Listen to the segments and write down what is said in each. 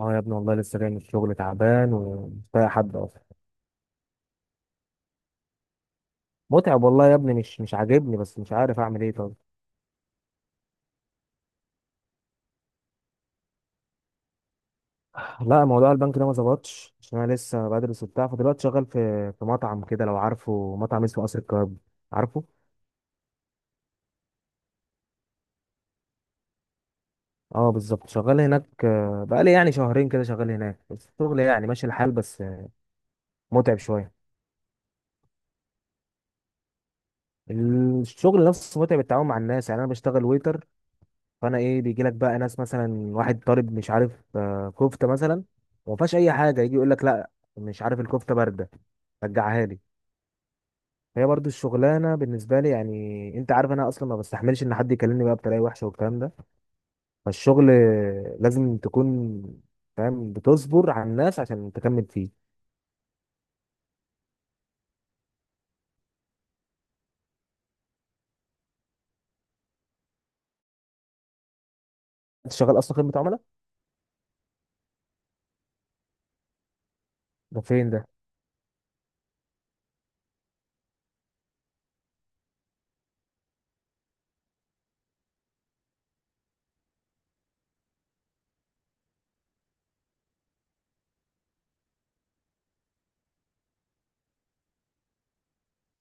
اه يا ابني، والله لسه جاي من الشغل تعبان ومش طايق حد اصلا. متعب والله يا ابني، مش عاجبني، بس مش عارف اعمل ايه. طب لا، موضوع البنك ده ما ظبطش عشان انا لسه بدرس وبتاع. فدلوقتي شغال في مطعم كده، لو عارفه مطعم اسمه قصر الكباب. عارفه. اه بالظبط، شغال هناك. بقالي يعني شهرين كده شغال هناك، بس الشغل يعني ماشي الحال، بس متعب شويه. الشغل نفسه متعب، التعامل مع الناس. يعني انا بشتغل ويتر، فانا ايه، بيجي لك بقى ناس مثلا واحد طالب مش عارف كفته مثلا، وما فيهاش اي حاجه، يجي يقول لك لا، مش عارف الكفته بارده، رجعها لي. هي برضو الشغلانه بالنسبه لي، يعني انت عارف انا اصلا ما بستحملش ان حد يكلمني بقى بطريقه وحشه والكلام ده. فالشغل لازم تكون فاهم، بتصبر على الناس عشان تكمل فيه. انت شغال اصلا خدمه عملاء؟ ده فين ده؟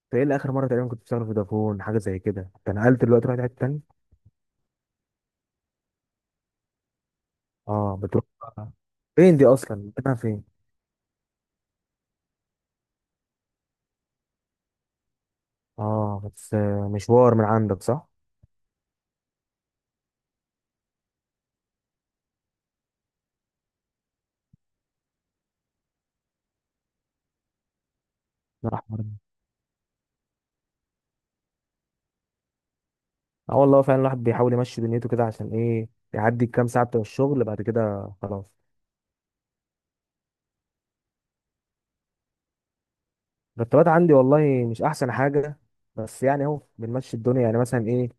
انت ايه اللي، اخر مره تقريبا كنت بتشتغل في فودافون حاجه زي كده، انت نقلت دلوقتي، رحت حته تانيه؟ اه بتروح فين؟ دي اصلا مكانها فين؟ اه، بس مشوار من عندك صح؟ لا، حوار ده. اه والله فعلا الواحد بيحاول يمشي دنيته كده عشان ايه، يعدي الكام ساعه بتوع الشغل، بعد كده خلاص. المرتبات عندي والله مش احسن حاجه، بس يعني اهو بنمشي الدنيا. يعني مثلا ايه،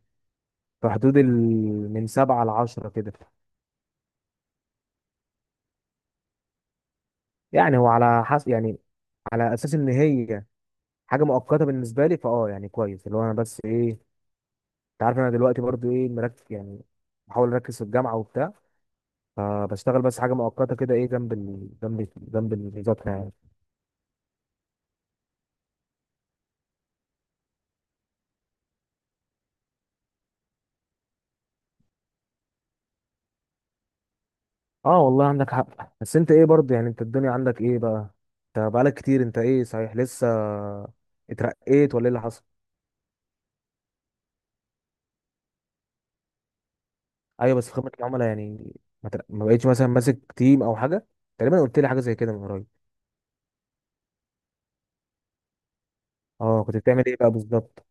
في حدود من 7 لـ10 كده. يعني هو على حسب يعني، على اساس ان هي حاجه مؤقته بالنسبه لي، فاه يعني كويس، اللي هو انا بس ايه، انت عارف انا دلوقتي برضو ايه، مركز يعني، بحاول اركز في الجامعه وبتاع. فبشتغل بس حاجه مؤقته كده، ايه، جنب المذاكره يعني. اه والله عندك حق. بس انت ايه برضه، يعني انت الدنيا عندك ايه بقى؟ انت بقالك كتير، انت ايه صحيح، لسه اترقيت ولا ايه اللي حصل؟ ايوه، بس في خدمه العملاء يعني، ما بقيتش مثلا ماسك تيم او حاجه؟ تقريبا قلت لي حاجه زي كده من قريب. اه، كنت بتعمل ايه بقى بالظبط؟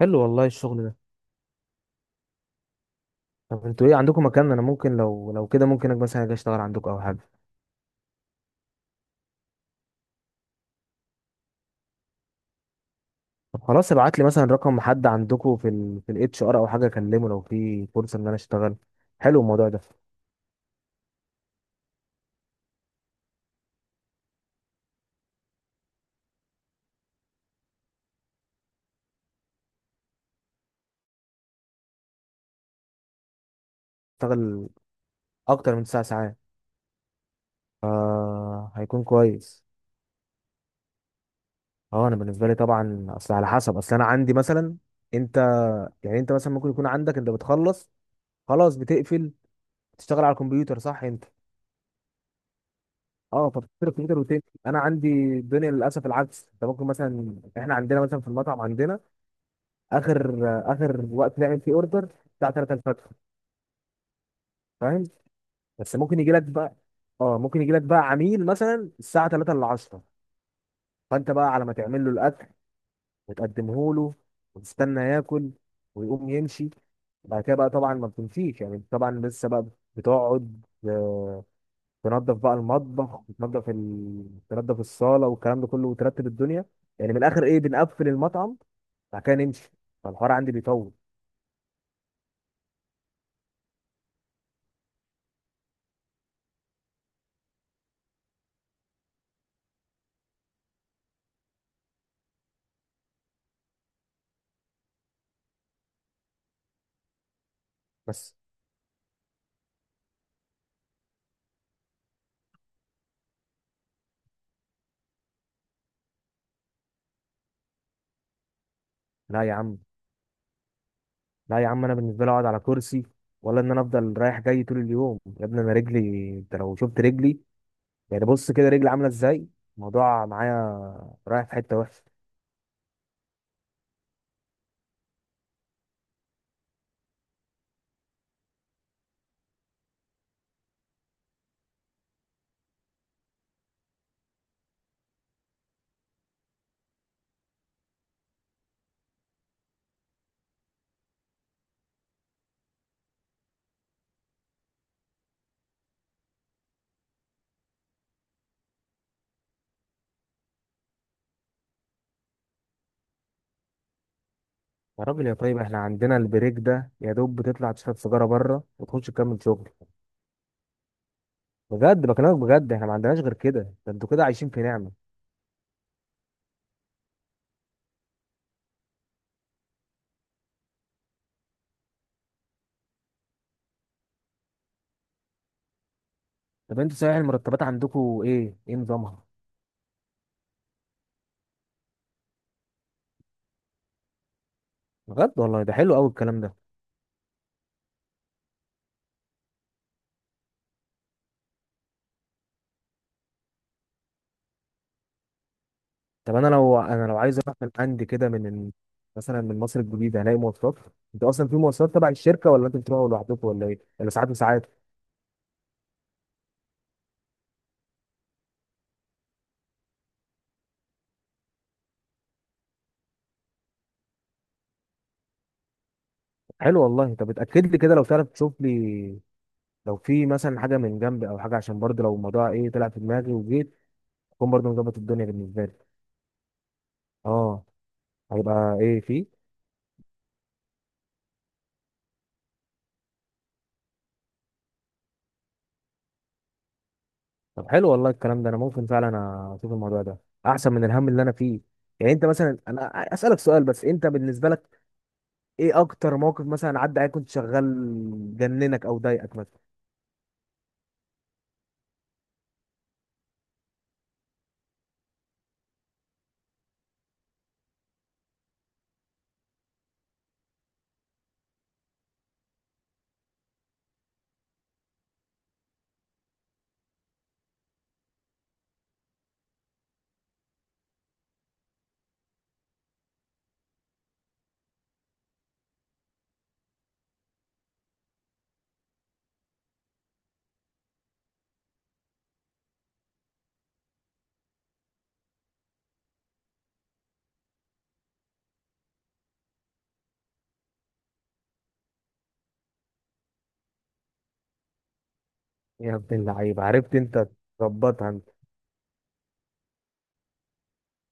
حلو والله الشغل ده. طب انتوا ايه، عندكم مكان انا ممكن، لو كده ممكن مثلا اجي اشتغل عندكم او حاجه؟ طب خلاص، ابعت لي مثلا رقم حد عندكم في الاتش ار او حاجه، اكلمه لو في فرصه ان انا اشتغل. حلو الموضوع ده. اشتغل اكتر من 9 ساعات؟ آه، هيكون كويس. اه انا بالنسبه لي طبعا، اصل على حسب، اصل انا عندي مثلا، انت، يعني انت مثلا ممكن يكون عندك، انت بتخلص خلاص، بتقفل، تشتغل على الكمبيوتر صح انت. اه، فبتشتغل على الكمبيوتر وتقفل. انا عندي الدنيا للاسف العكس. انت ممكن مثلا، احنا عندنا مثلا في المطعم، عندنا اخر اخر وقت نعمل فيه اوردر الساعه 3 الفجر، فاهم. بس ممكن يجي لك بقى، اه ممكن يجي لك بقى عميل مثلا الساعه 3 الا 10، فانت بقى على ما تعمل له الاكل وتقدمه له، وتستنى ياكل، ويقوم يمشي. بعد كده بقى طبعا ما بتمشيش، يعني طبعا لسه بقى بتقعد، آه، تنظف بقى المطبخ، وتنظف تنظف الصاله والكلام ده كله، وترتب الدنيا. يعني من الاخر ايه، بنقفل المطعم بعد كده نمشي. فالحوار عندي بيطول. بس لا يا عم، لا يا عم، انا بالنسبه لي اقعد على كرسي، ولا ان انا افضل رايح جاي طول اليوم يا ابني. انا رجلي، انت لو شفت رجلي، يعني بص كده رجلي عامله ازاي. الموضوع معايا رايح في حته وحشه. يا راجل يا طيب، احنا عندنا البريك ده يا دوب بتطلع تشرب سيجاره بره وتخش تكمل شغل. بجد بكلمك بجد، احنا ما عندناش غير كده. ده انتوا كده عايشين في نعمه. طب انتوا صحيح المرتبات عندكم ايه نظامها؟ بجد والله ده حلو قوي الكلام ده. طب انا لو، عايز اروح من عندي كده، مثلا من مصر الجديده، هلاقي مواصلات؟ انت اصلا في مواصلات تبع الشركه، ولا انت بتروحوا لوحدكم، ولا ايه، ولا ساعات وساعات؟ حلو والله. طب اتاكد لي كده لو تعرف، تشوف لي لو في مثلا حاجه من جنبي او حاجه، عشان برضه لو الموضوع ايه، طلع في دماغي وجيت، اكون برضه مظبط الدنيا بالنسبه لي. اه. هيبقى ايه فيه؟ طب حلو والله الكلام ده. انا ممكن فعلا اشوف الموضوع ده، احسن من الهم اللي انا فيه. يعني انت مثلا، انا اسالك سؤال بس، انت بالنسبه لك ايه اكتر موقف مثلا عدى عليك كنت شغال، جننك او ضايقك مثلا؟ يا ابن اللعيبه، عرفت انت تظبطها. انت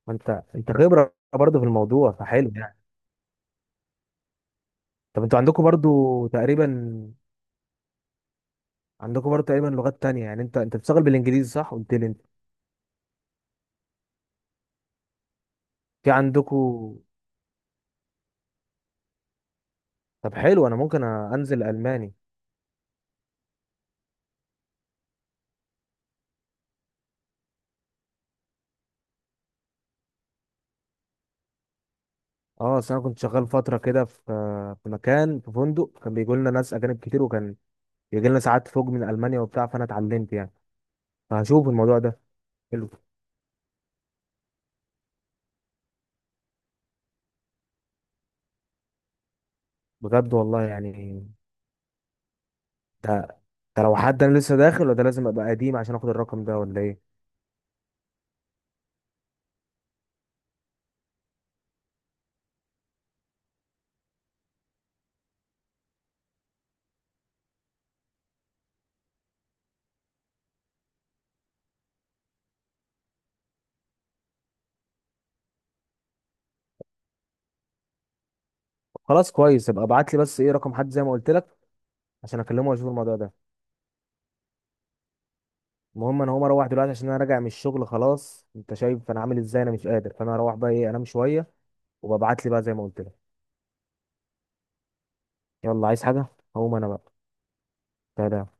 انت خبره برضه في الموضوع، فحلو يعني. طب انتوا عندكم برضه تقريبا، لغات تانية يعني؟ انت انت بتشتغل بالانجليزي صح قلت لي انت؟ في عندكم؟ طب حلو، انا ممكن انزل الماني. اه، اصل انا كنت شغال فتره كده في مكان، في فندق، كان بيجي لنا ناس اجانب كتير، وكان بيجي لنا ساعات فوق من المانيا وبتاع، فانا اتعلمت يعني. فهشوف الموضوع ده. حلو بجد والله يعني. ده ده لو حد انا لسه داخل، ولا ده لازم ابقى قديم عشان اخد الرقم ده، ولا ايه؟ خلاص كويس، ابقى ابعت لي بس ايه رقم حد زي ما قلت لك، عشان اكلمه واشوف الموضوع ده. المهم انا هقوم اروح دلوقتي، عشان انا راجع من الشغل خلاص، انت شايف انا عامل ازاي، انا مش قادر. فانا هروح بقى ايه، انام شويه. وببعت لي بقى زي ما قلت لك. يلا عايز حاجه؟ هقوم انا بقى. سلام.